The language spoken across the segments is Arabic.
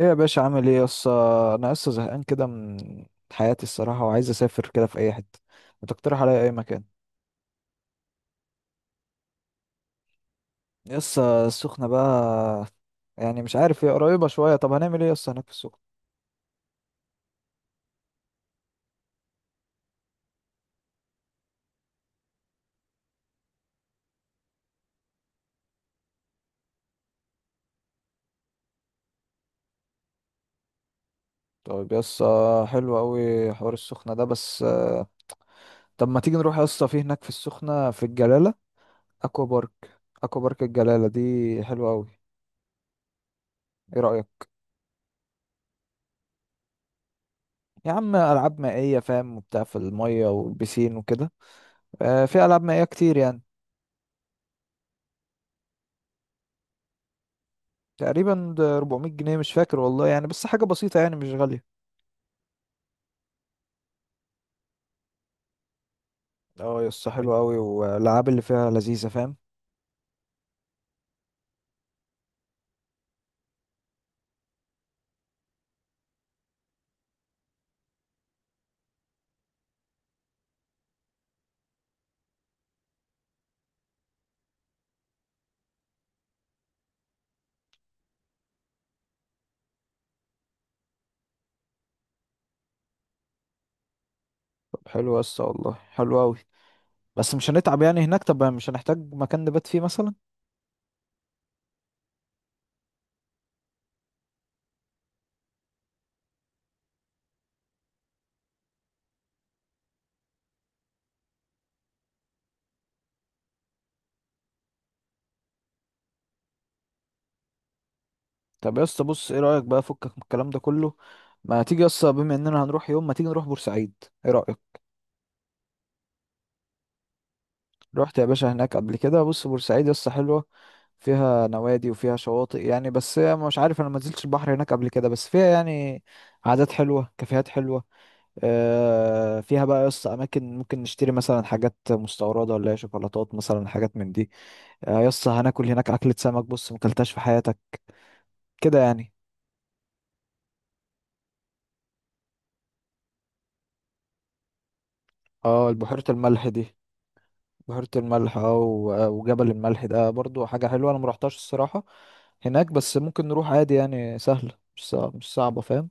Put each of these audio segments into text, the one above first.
ايه يا باشا عامل ايه يس؟ انا لسه زهقان كده من حياتي الصراحه، وعايز اسافر كده في اي حته. ما تقترح عليا اي مكان؟ يس السخنه بقى، يعني مش عارف، هي قريبه شويه. طب هنعمل ايه يس هناك في السخنه؟ طيب يس، حلو قوي حوار السخنه ده. بس طب ما تيجي نروح يس في هناك في السخنه في الجلاله اكوا بارك. اكوا بارك الجلاله دي حلوه قوي. ايه رايك؟ يا عم العاب مائيه فاهم، وبتاع في الميه والبسين وكده. في العاب مائيه كتير يعني. تقريبا ده 400 جنيه، مش فاكر والله، يعني بس حاجة بسيطة، يعني مش غالية. اه يا اسطى، حلوة أوي، والألعاب اللي فيها لذيذة فاهم. طب حلو يا اسطى والله، حلو أوي. بس مش هنتعب يعني هناك؟ طب مش هنحتاج مكان نبات فيه مثلا؟ طب يا اسطى بص، ايه رأيك بقى؟ فكك من الكلام ده كله. ما تيجي يا اسطى، بما اننا هنروح يوم، ما تيجي نروح بورسعيد. ايه رأيك؟ رحت يا باشا هناك قبل كده. بص بورسعيد يا اسطى حلوة، فيها نوادي وفيها شواطئ يعني. بس هي مش عارف، انا ما نزلتش البحر هناك قبل كده، بس فيها يعني عادات حلوة، كافيهات حلوة. فيها بقى يس اماكن ممكن نشتري مثلا حاجات مستورده، ولا هي شوكولاتات مثلا، حاجات من دي. يس هناكل هناك اكله سمك، بص مكلتهاش في حياتك كده يعني. اه البحيره الملح دي، بحيره الملح اه وجبل الملح ده برضو حاجه حلوه. انا مروحتهاش الصراحه هناك، بس ممكن نروح عادي يعني، سهله، مش صعبه فاهم.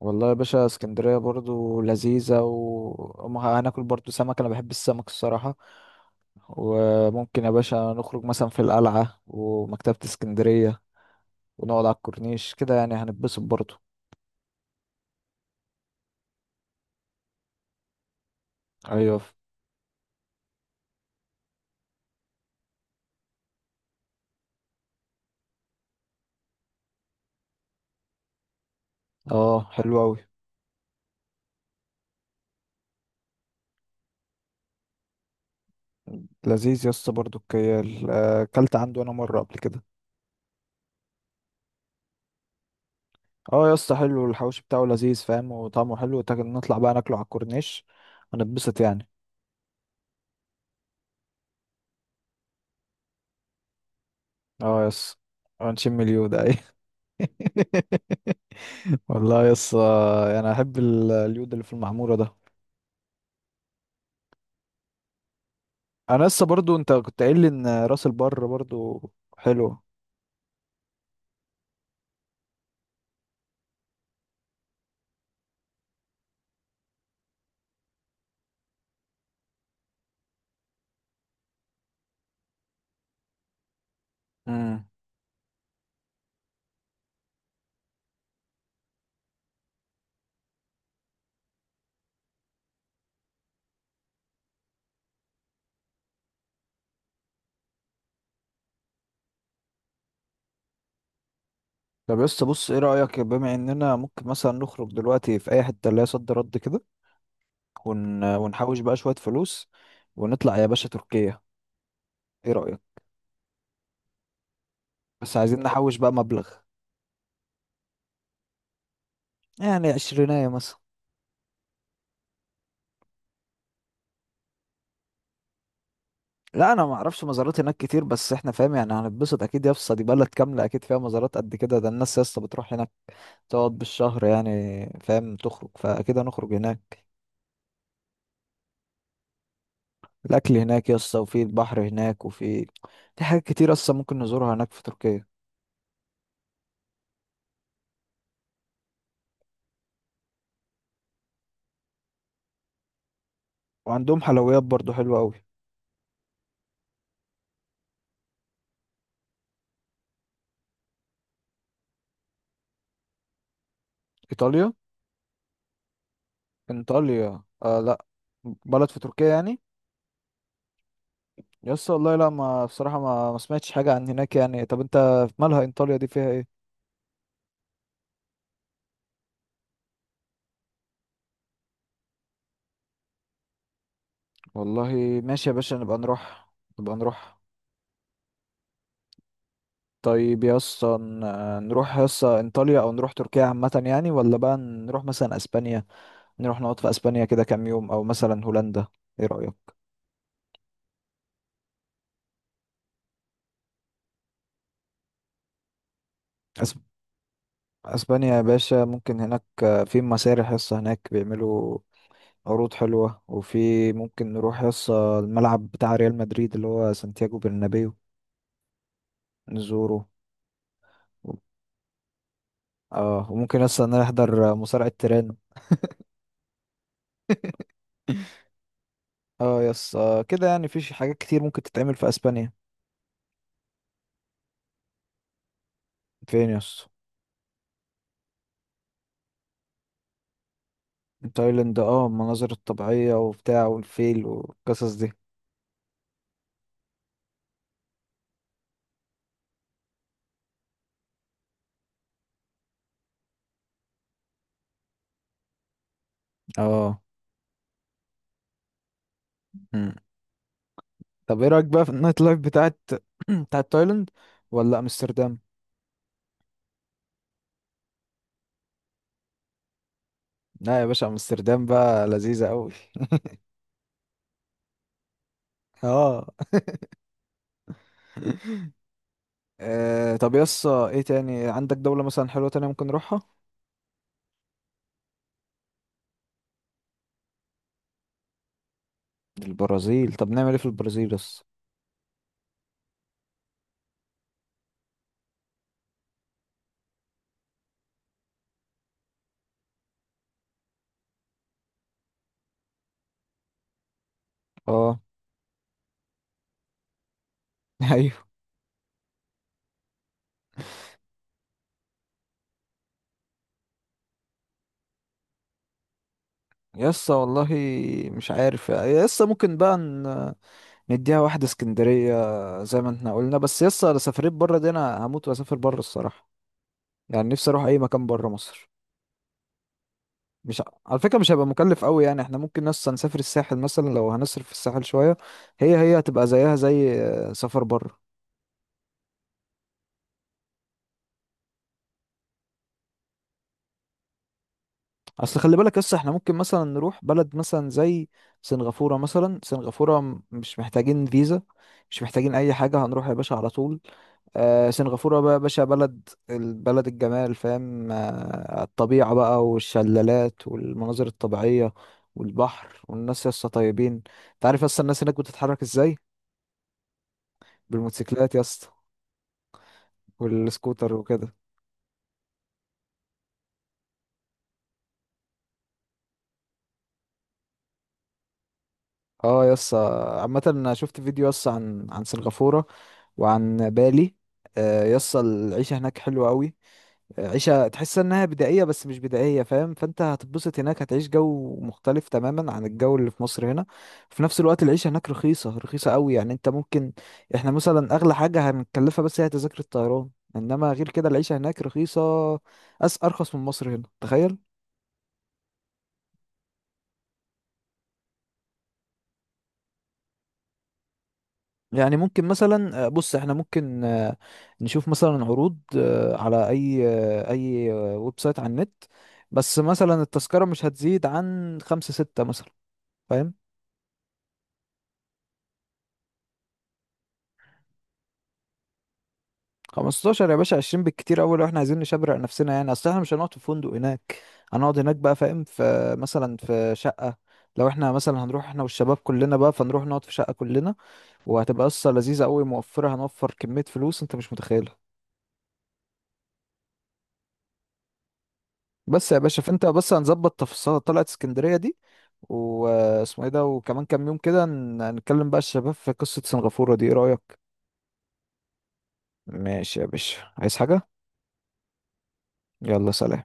والله يا باشا، اسكندرية برضو لذيذة، وهناكل برضو سمك، أنا بحب السمك الصراحة. وممكن يا باشا نخرج مثلا في القلعة ومكتبة اسكندرية، ونقعد على الكورنيش كده، يعني هنتبسط برضو. ايوه. اه حلو أوي. لذيذ يا اسطى برضو الكيال، أكلت عنده أنا مرة قبل كده. اه يا اسطى حلو، الحوش بتاعه لذيذ فاهم، وطعمه حلو، نطلع بقى ناكله على الكورنيش، هنتبسط يعني. اه يا اسطى، ونشم اليود اي والله يس، انا احب اليود اللي في المعموره ده. انا لسه برضو، انت كنت قايل لي ان راس البر برضو حلو. امم. طب يس بص، ايه رايك بما اننا ممكن مثلا نخرج دلوقتي في اي حته اللي هي صد رد كده، ونحوش بقى شويه فلوس، ونطلع يا باشا تركيا. ايه رايك؟ بس عايزين نحوش بقى مبلغ. يعني عشرينية مثلا. لا انا ما اعرفش مزارات هناك كتير، بس احنا فاهم يعني هنتبسط اكيد. يا اسطى دي بلد كامله، اكيد فيها مزارات قد كده. ده الناس يا اسطى بتروح هناك تقعد بالشهر يعني، فاهم، تخرج، فاكيد هنخرج هناك. الاكل هناك يسطا، وفي البحر هناك، وفي حاجات كتير اصلا ممكن نزورها هناك في تركيا. وعندهم حلويات برضو حلوه قوي. ايطاليا؟ انطاليا آه، لا بلد في تركيا يعني. يسطا والله لا، ما بصراحه ما سمعتش حاجه عن هناك يعني. طب انت مالها انطاليا دي، فيها ايه؟ والله ماشي يا باشا، نبقى نروح. نبقى نروح. طيب يا اسطى نروح يا اسطى انطاليا، او نروح تركيا عامه يعني، ولا بقى نروح مثلا اسبانيا، نروح نقعد في اسبانيا كده كام يوم، او مثلا هولندا. ايه رأيك؟ أسب... اسبانيا يا باشا ممكن هناك في مسارح حصة هناك بيعملوا عروض حلوة، وفي ممكن نروح حصة الملعب بتاع ريال مدريد اللي هو سانتياغو برنابيو، نزوره. اه وممكن لسه نحضر مصارعة تيران. اه يس كده يعني في حاجات كتير ممكن تتعمل في اسبانيا. فين يس؟ تايلاند، اه المناظر الطبيعية وبتاع والفيل والقصص دي. اه طب ايه رايك بقى في النايت لايف بتاعت بتاعت تايلاند، ولا امستردام؟ لا يا باشا امستردام بقى لذيذه قوي. اه. طب يس، ايه تاني عندك دولة مثلا حلوة تانية ممكن نروحها؟ البرازيل؟ طب نعمل ايه في البرازيل يس؟ اه. ايوه. يس والله مش عارف يس، ممكن بقى نديها واحدة اسكندرية زي ما احنا قلنا. بس يس انا سافرت بره دي، انا هموت واسافر بره الصراحة، يعني نفسي اروح اي مكان بره مصر. مش ع- على فكرة مش هيبقى مكلف قوي يعني، احنا ممكن نص نسافر الساحل مثلا، لو هنصرف في الساحل شوية، هي هتبقى زيها زي سفر بره. اصل خلي بالك لسه احنا ممكن مثلا نروح بلد مثلا زي سنغافورة مثلا. سنغافورة مش محتاجين فيزا، مش محتاجين اي حاجة، هنروح يا باشا على طول. آه سنغافورة بقى يا باشا بلد، البلد الجمال فاهم. آه الطبيعة بقى، والشلالات، والمناظر الطبيعية، والبحر، والناس يا اسطى طيبين. انت عارف اصلا الناس هناك بتتحرك ازاي؟ بالموتوسيكلات يا اسطى، والسكوتر وكده. اه يس عامة، انا شفت فيديو يس عن سنغافورة وعن بالي. يس العيشة هناك حلوة قوي. عيشة تحس انها بدائية، بس مش بدائية فاهم. فانت هتتبسط هناك، هتعيش جو مختلف تماما عن الجو اللي في مصر هنا. في نفس الوقت العيشة هناك رخيصة، رخيصة قوي يعني. انت ممكن، احنا مثلا اغلى حاجة هنكلفها بس هي تذاكر الطيران، انما غير كده العيشة هناك رخيصة، أرخص من مصر هنا، تخيل. يعني ممكن مثلا بص احنا ممكن نشوف مثلا عروض على اي ويب سايت على النت. بس مثلا التذكرة مش هتزيد عن خمسة ستة مثلا فاهم. 15 يا باشا، 20 بالكتير أوي لو احنا عايزين نشبرق نفسنا، يعني اصل احنا مش هنقعد في فندق هناك، هنقعد هناك بقى فاهم في مثلا في شقة. لو احنا مثلا هنروح احنا والشباب كلنا بقى، فنروح نقعد في شقة كلنا، وهتبقى قصة لذيذة أوي موفرة، هنوفر كمية فلوس انت مش متخيل. بس يا باشا، فانت بس هنظبط تفاصيل طلعت اسكندرية دي، واسمه ايه ده، وكمان كام يوم كده هنتكلم بقى الشباب في قصة سنغافورة دي. ايه رأيك؟ ماشي يا باشا، عايز حاجة؟ يلا سلام.